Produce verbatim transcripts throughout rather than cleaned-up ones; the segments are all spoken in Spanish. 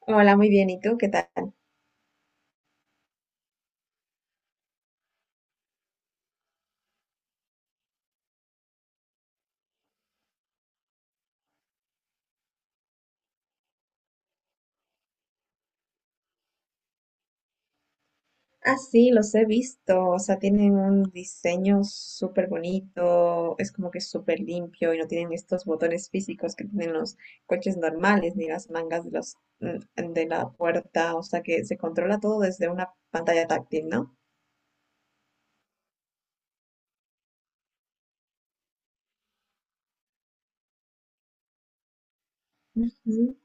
Hola, muy bien. ¿Y tú qué tal? Ah, sí, los he visto. O sea, tienen un diseño súper bonito. Es como que súper limpio y no tienen estos botones físicos que tienen los coches normales ni las mangas de los mm, de la puerta. O sea, que se controla todo desde una pantalla táctil, ¿no? Ujú,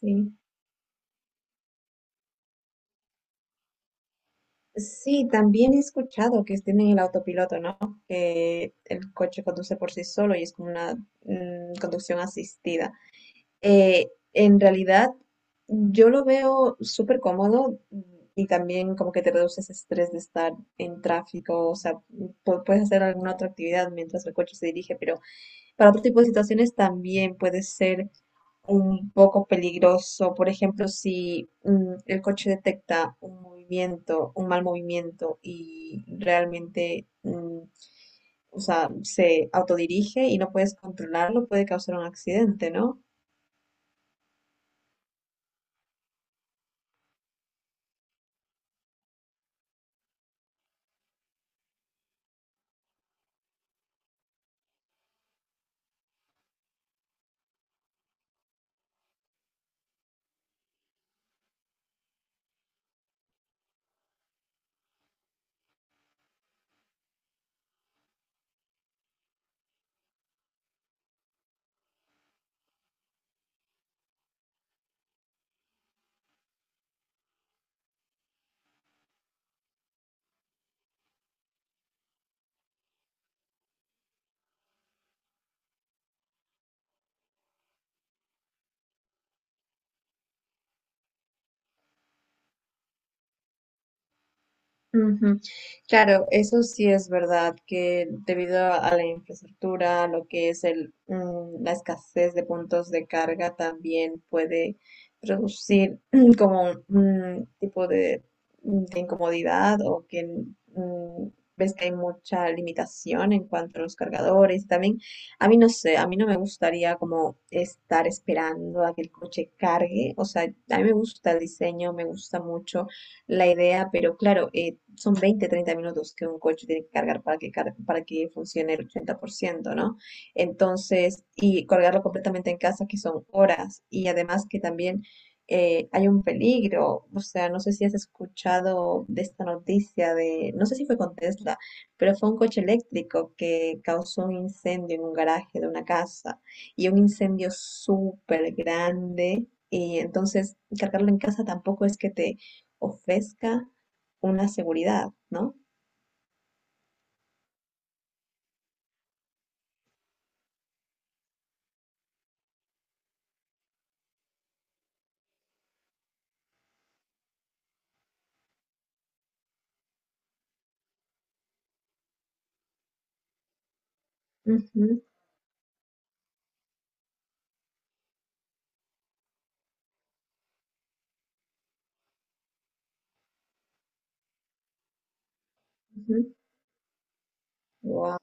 sí. Sí, también he escuchado que tienen el autopiloto, ¿no? Que el coche conduce por sí solo y es como una mm, conducción asistida. Eh, en realidad, yo lo veo súper cómodo mm, y también como que te reduce ese estrés de estar en tráfico, o sea, pu- puedes hacer alguna otra actividad mientras el coche se dirige, pero para otro tipo de situaciones también puede ser un poco peligroso. Por ejemplo, si mm, el coche detecta un movimiento, un mal movimiento y realmente... mm, o sea, se autodirige y no puedes controlarlo, puede causar un accidente, ¿no? Ujú. Claro, eso sí es verdad que debido a a la infraestructura, lo que es el, mm, la escasez de puntos de carga también puede producir como un tipo de, de incomodidad o que mm, ves que hay mucha limitación en cuanto a los cargadores. También, a mí no sé, a mí no me gustaría como estar esperando a que el coche cargue. O sea, a mí me gusta el diseño, me gusta mucho la idea, pero claro, eh, son veinte, treinta minutos que un coche tiene que cargar para que, car- para que funcione el ochenta por ciento, ¿no? Entonces, y cargarlo completamente en casa, que son horas, y además que también eh, hay un peligro, o sea, no sé si has escuchado de esta noticia de, no sé si fue con Tesla, pero fue un coche eléctrico que causó un incendio en un garaje de una casa y un incendio súper grande. Y entonces cargarlo en casa tampoco es que te ofrezca una seguridad, ¿no? Ujú, ujú. Wow,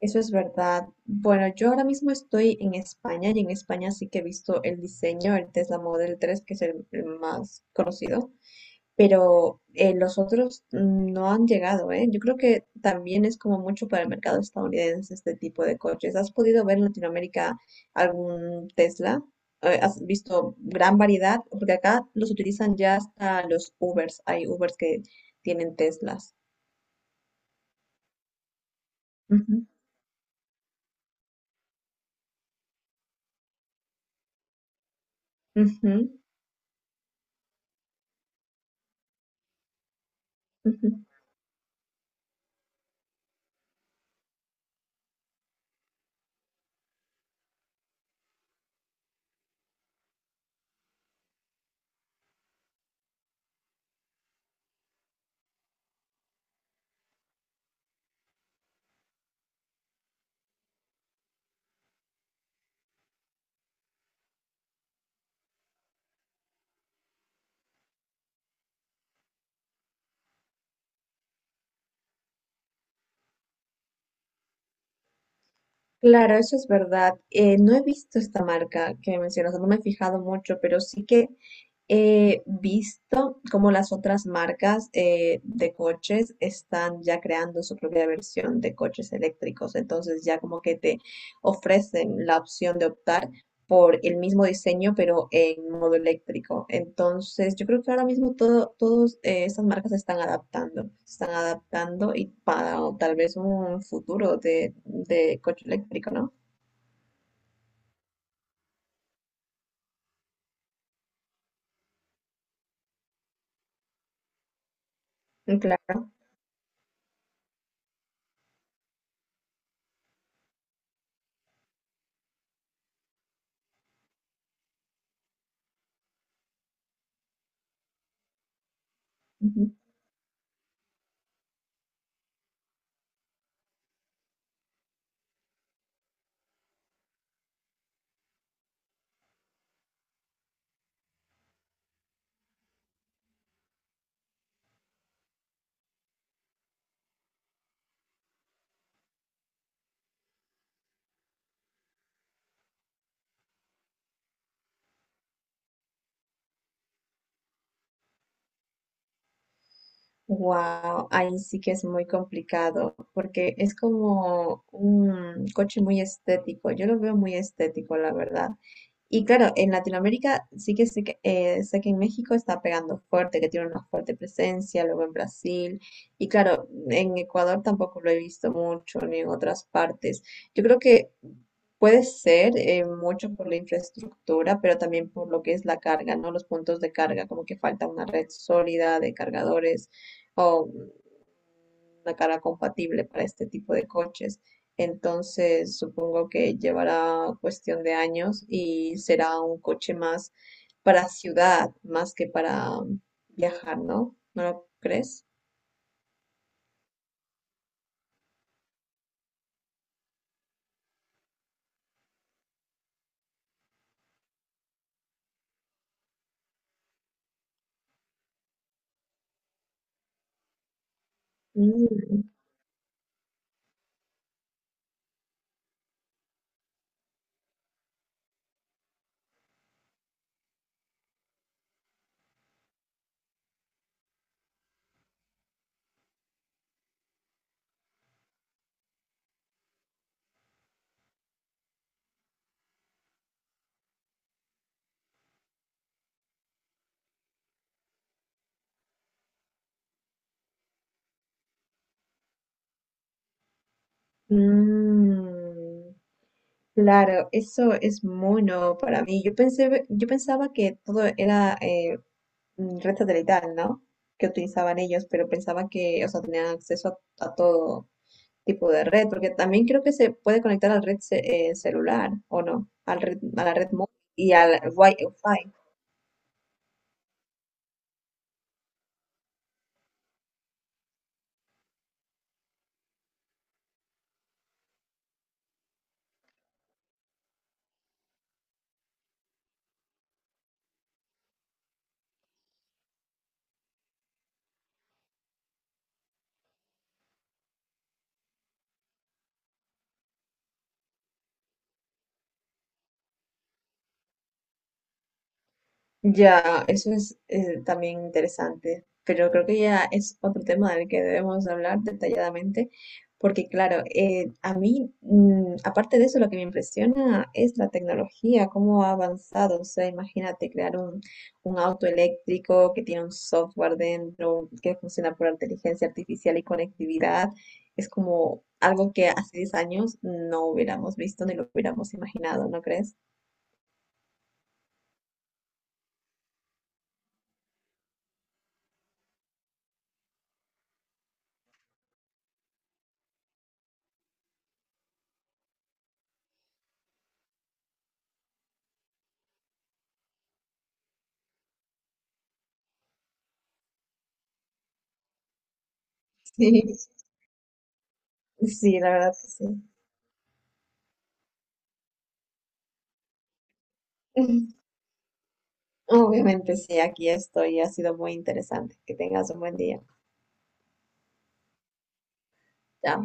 eso es verdad. Bueno, yo ahora mismo estoy en España y en España sí que he visto el diseño, el Tesla Model tres, que es el el más conocido. Pero eh, los otros no han llegado, ¿eh? Yo creo que también es como mucho para el mercado estadounidense este tipo de coches. ¿Has podido ver en Latinoamérica algún Tesla? Eh, ¿Has visto gran variedad? Porque acá los utilizan ya hasta los Ubers. Hay Ubers que tienen Teslas. Ujú, ujú, ujú. Claro, eso es verdad. Eh, no he visto esta marca que mencionas, no me he fijado mucho, pero sí que he visto cómo las otras marcas eh, de coches están ya creando su propia versión de coches eléctricos. Entonces ya como que te ofrecen la opción de optar por el mismo diseño, pero en modo eléctrico. Entonces, yo creo que ahora mismo todo, todas estas marcas se están adaptando, se están adaptando y para tal vez un futuro de, de coche eléctrico, ¿no? Claro. Wow, ahí sí que es muy complicado porque es como un coche muy estético. Yo lo veo muy estético, la verdad. Y claro, en Latinoamérica sí que sé que, eh, sé que en México está pegando fuerte, que tiene una fuerte presencia, luego en Brasil. Y claro, en Ecuador tampoco lo he visto mucho, ni en otras partes. Yo creo que puede ser eh, mucho por la infraestructura, pero también por lo que es la carga, ¿no? Los puntos de carga, como que falta una red sólida de cargadores o una cara compatible para este tipo de coches. Entonces, supongo que llevará cuestión de años y será un coche más para ciudad, más que para viajar, ¿no? ¿No lo crees? Mm, mm, claro, eso es mono para mí. Yo pensé, yo pensaba que todo era eh, mm, red satelital, ¿no? Que utilizaban ellos, pero pensaba que, o sea, tenían acceso a, a todo tipo de red, porque también creo que se puede conectar a la red ce- eh, celular, ¿o no? Al red- a la red móvil y al Wi-Fi. Ya, eso es eh, también interesante, pero creo que ya es otro tema del que debemos hablar detalladamente, porque claro, eh, a mí, mm, aparte de eso, lo que me impresiona es la tecnología, cómo ha avanzado. O sea, imagínate crear un, un auto eléctrico que tiene un software dentro, que funciona por inteligencia artificial y conectividad. Es como algo que hace diez años no hubiéramos visto ni lo hubiéramos imaginado, ¿no crees? Sí, Sí, la verdad que sí. Obviamente sí, aquí estoy. Ha sido muy interesante. Que tengas un buen día. Chao.